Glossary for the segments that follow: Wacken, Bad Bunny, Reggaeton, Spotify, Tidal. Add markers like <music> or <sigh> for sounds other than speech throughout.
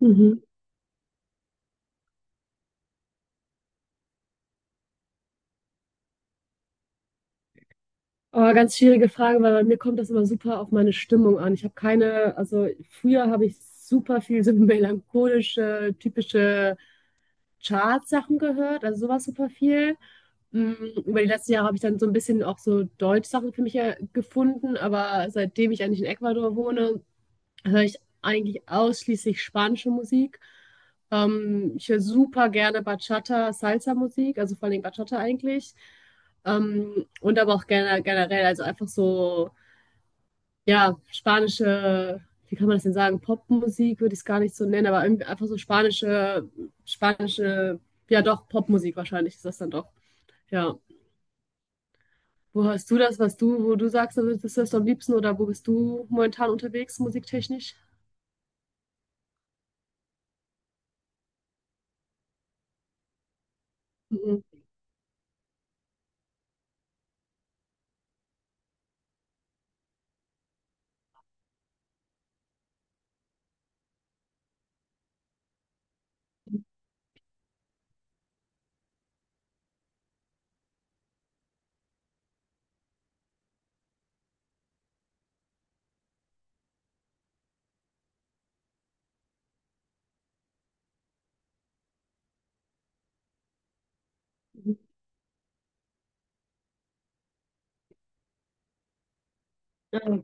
Mhm. Aber ganz schwierige Frage, weil bei mir kommt das immer super auf meine Stimmung an. Ich habe keine, also früher habe ich super viel <laughs> so melancholische, typische Chartsachen gehört, also sowas super viel. Mm, Über die letzten Jahre habe ich dann so ein bisschen auch so Deutschsachen für mich gefunden, aber seitdem ich eigentlich in Ecuador wohne, höre ich eigentlich ausschließlich spanische Musik. Ich höre super gerne Bachata, Salsa-Musik, also vor allem Bachata eigentlich. Und aber auch gerne, generell, also einfach so, ja, spanische, wie kann man das denn sagen, Popmusik würde ich es gar nicht so nennen, aber irgendwie einfach so spanische, spanische, ja doch, Popmusik wahrscheinlich ist das dann doch, ja. Wo hörst du das, was du, wo du sagst, also das ist das am liebsten oder wo bist du momentan unterwegs, musiktechnisch? Mhm. Mhm. Ah.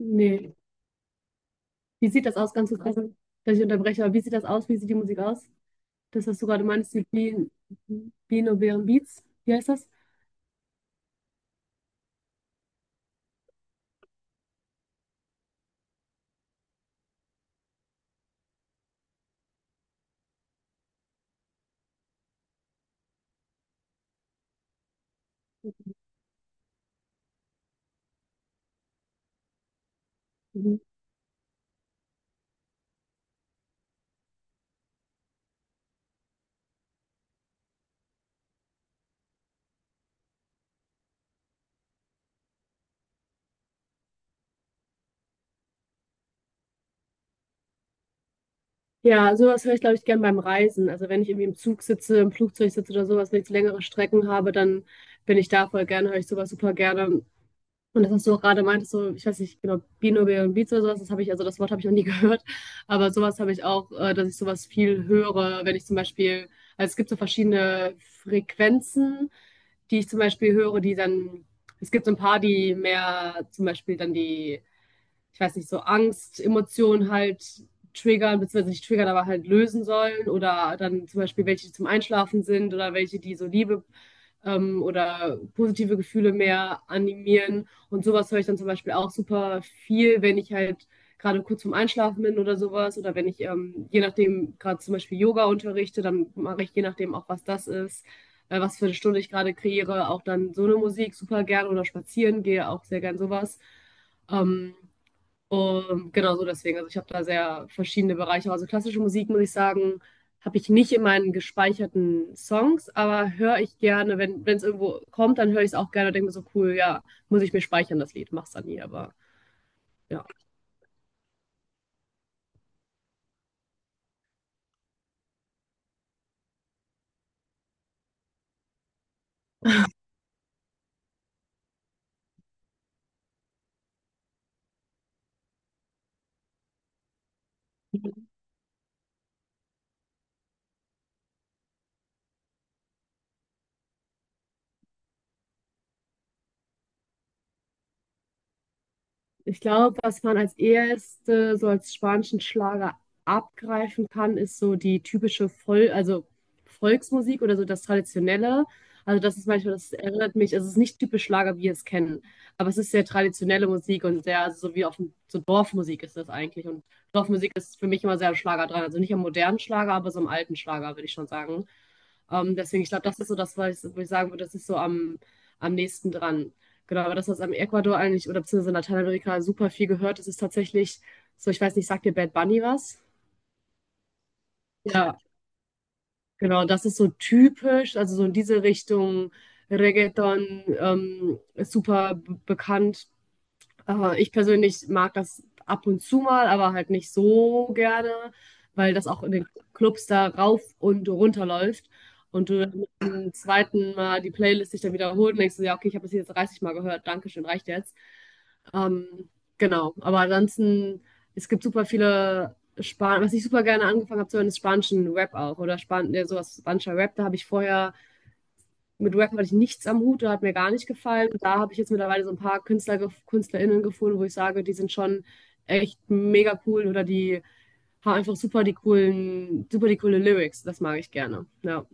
Nee. Wie sieht das aus, ganz kurz, dass ich unterbreche, aber wie sieht das aus? Wie sieht die Musik aus? Das, was du gerade meinst, die binaurären Beats, wie heißt das? Mhm. Ja, sowas höre ich, glaube ich, gern beim Reisen. Also wenn ich irgendwie im Zug sitze, im Flugzeug sitze oder sowas, wenn ich längere Strecken habe, dann bin ich da voll gerne, höre ich sowas super gerne. Und das, was du auch gerade meintest, so, ich weiß nicht genau, Bino Beats oder sowas, das habe ich, also das Wort habe ich noch nie <laughs> gehört, aber sowas habe ich auch, dass ich sowas viel höre, wenn ich zum Beispiel, also es gibt so verschiedene Frequenzen, die ich zum Beispiel höre, die dann, es gibt so ein paar, die mehr zum Beispiel dann die, ich weiß nicht, so Angst, Emotionen halt triggern, beziehungsweise nicht triggern, aber halt lösen sollen oder dann zum Beispiel welche, die zum Einschlafen sind oder welche, die so Liebe oder positive Gefühle mehr animieren. Und sowas höre ich dann zum Beispiel auch super viel, wenn ich halt gerade kurz vorm Einschlafen bin oder sowas. Oder wenn ich, je nachdem, gerade zum Beispiel Yoga unterrichte, dann mache ich je nachdem auch, was das ist, was für eine Stunde ich gerade kreiere, auch dann so eine Musik super gern oder spazieren gehe auch sehr gern sowas. Ähm, und genau so deswegen. Also ich habe da sehr verschiedene Bereiche. Also klassische Musik, muss ich sagen, habe ich nicht in meinen gespeicherten Songs, aber höre ich gerne, wenn es irgendwo kommt, dann höre ich es auch gerne und denke mir so, cool, ja, muss ich mir speichern, das Lied. Mach's dann nie, aber ja. Ich glaube, was man als erste so als spanischen Schlager abgreifen kann, ist so die typische Vol also Volksmusik oder so das Traditionelle. Also das ist manchmal, das erinnert mich, also es ist nicht typisch Schlager, wie wir es kennen, aber es ist sehr traditionelle Musik und sehr, also so wie auf dem, so Dorfmusik ist das eigentlich. Und Dorfmusik ist für mich immer sehr am Schlager dran. Also nicht am modernen Schlager, aber so am alten Schlager, würde ich schon sagen. Deswegen, ich glaube, das ist so das, was ich, wo ich sagen würde, das ist so am, am nächsten dran. Genau, aber das, was am Ecuador eigentlich oder beziehungsweise in Lateinamerika super viel gehört, das ist tatsächlich so, ich weiß nicht, sagt dir Bad Bunny was? Ja. Genau, das ist so typisch, also so in diese Richtung Reggaeton, ist super bekannt. Ich persönlich mag das ab und zu mal, aber halt nicht so gerne, weil das auch in den Clubs da rauf und runter läuft. Und du dann mit dem zweiten Mal die Playlist sich dann wiederholt und denkst du, ja, okay, ich habe das jetzt 30 Mal gehört, Dankeschön, reicht jetzt. Ähm, genau, aber ansonsten, es gibt super viele Span was ich super gerne angefangen habe zu hören, ist spanischen Rap auch oder Span ja, sowas, spanischer Rap, da habe ich vorher mit Wacken hatte ich nichts am Hut, da hat mir gar nicht gefallen. Und da habe ich jetzt mittlerweile so ein paar Künstler, KünstlerInnen gefunden, wo ich sage, die sind schon echt mega cool oder die haben einfach super die coolen, super die coole Lyrics. Das mag ich gerne. Ja.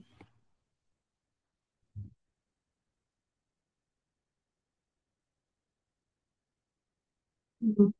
Mhm.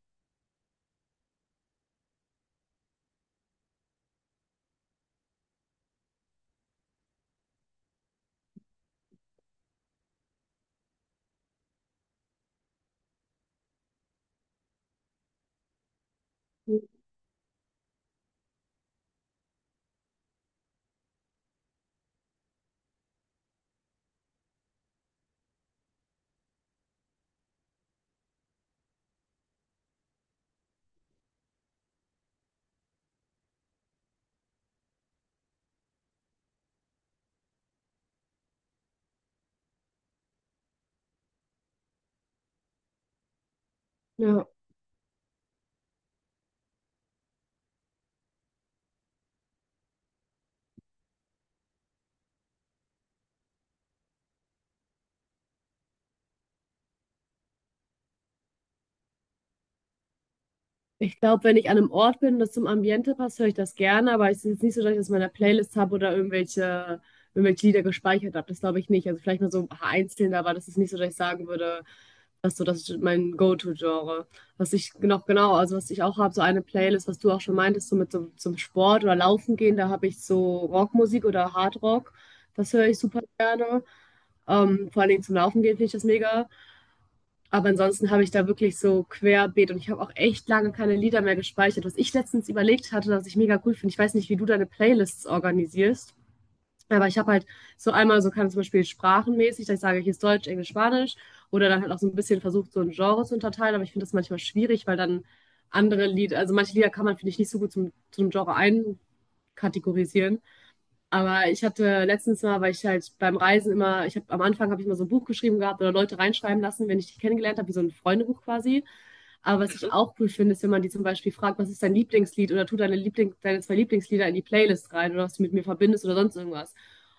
Ja. Ich glaube, wenn ich an einem Ort bin und das zum Ambiente passt, höre ich das gerne, aber es ist jetzt nicht so, dass ich das in meiner Playlist habe oder irgendwelche, irgendwelche Lieder gespeichert habe. Das glaube ich nicht. Also vielleicht mal so ein paar einzelne, aber das ist nicht so, dass ich sagen würde, das so, das ist mein Go-To-Genre. Was ich noch genau, also was ich auch habe, so eine Playlist, was du auch schon meintest, so mit so, zum Sport oder Laufen gehen, da habe ich so Rockmusik oder Hardrock. Das höre ich super gerne. Vor allen Dingen zum Laufen gehen finde ich das mega. Aber ansonsten habe ich da wirklich so querbeet und ich habe auch echt lange keine Lieder mehr gespeichert. Was ich letztens überlegt hatte, was ich mega cool finde, ich weiß nicht, wie du deine Playlists organisierst, aber ich habe halt so einmal so kann zum Beispiel sprachenmäßig, dass ich sage, hier ist Deutsch, Englisch, Spanisch oder dann halt auch so ein bisschen versucht, so ein Genre zu unterteilen, aber ich finde das manchmal schwierig, weil dann andere Lieder, also manche Lieder kann man, finde ich, nicht so gut zum, zum Genre einkategorisieren. Aber ich hatte letztens mal, weil ich halt beim Reisen immer, ich habe am Anfang habe ich mal so ein Buch geschrieben gehabt oder Leute reinschreiben lassen, wenn ich die kennengelernt habe, wie so ein Freundebuch quasi. Aber was ich auch cool finde, ist, wenn man die zum Beispiel fragt, was ist dein Lieblingslied oder tu deine Liebling, deine zwei Lieblingslieder in die Playlist rein oder was du mit mir verbindest oder sonst irgendwas.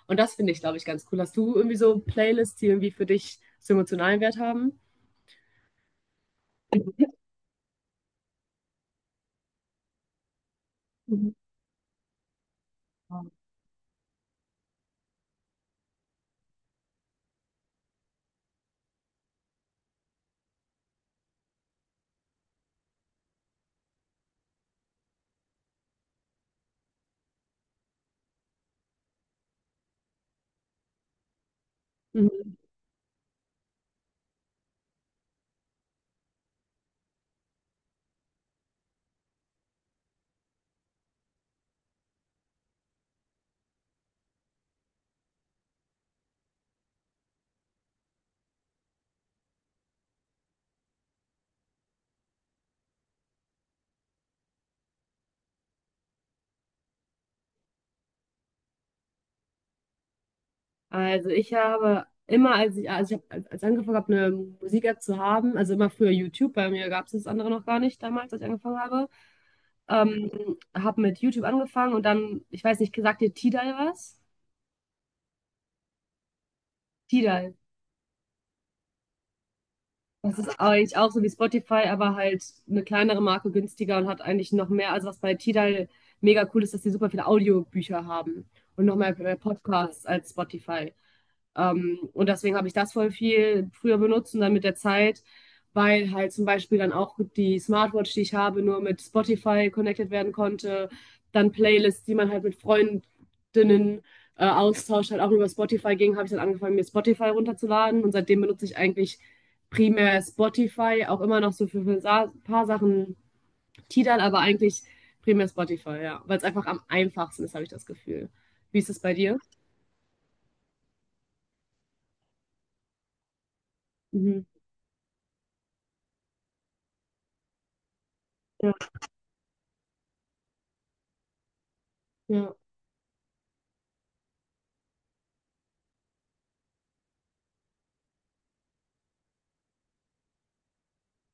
Und das finde ich, glaube ich, ganz cool. Hast du irgendwie so Playlists, die irgendwie für dich so emotionalen Wert haben? Mhm. Mhm. Also ich habe immer, als ich, also ich hab, als ich angefangen habe, eine Musik-App zu haben, also immer früher YouTube, bei mir gab es das andere noch gar nicht damals, als ich angefangen habe, ähm, habe mit YouTube angefangen und dann, ich weiß nicht, sagt dir Tidal was? Tidal. Das ist eigentlich auch so wie Spotify, aber halt eine kleinere Marke günstiger und hat eigentlich noch mehr, also was bei Tidal mega cool ist, dass die super viele Audiobücher haben und noch mehr Podcasts als Spotify. Und deswegen habe ich das voll viel früher benutzt und dann mit der Zeit, weil halt zum Beispiel dann auch die Smartwatch, die ich habe, nur mit Spotify connected werden konnte. Dann Playlists, die man halt mit Freundinnen austauscht, halt auch über Spotify ging, habe ich dann angefangen, mir Spotify runterzuladen. Und seitdem benutze ich eigentlich primär Spotify, auch immer noch so für ein paar Sachen Tidal, aber eigentlich primär Spotify, ja. Weil es einfach am einfachsten ist, habe ich das Gefühl. Wie ist es bei dir? Mhm. Ja, ja,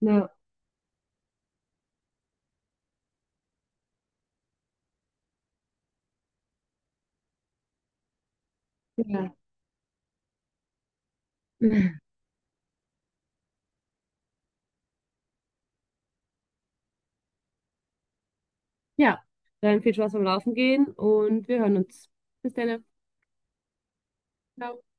ja. Ja. Ja, dann viel Spaß beim Laufen gehen und wir hören uns. Bis dann. Ciao.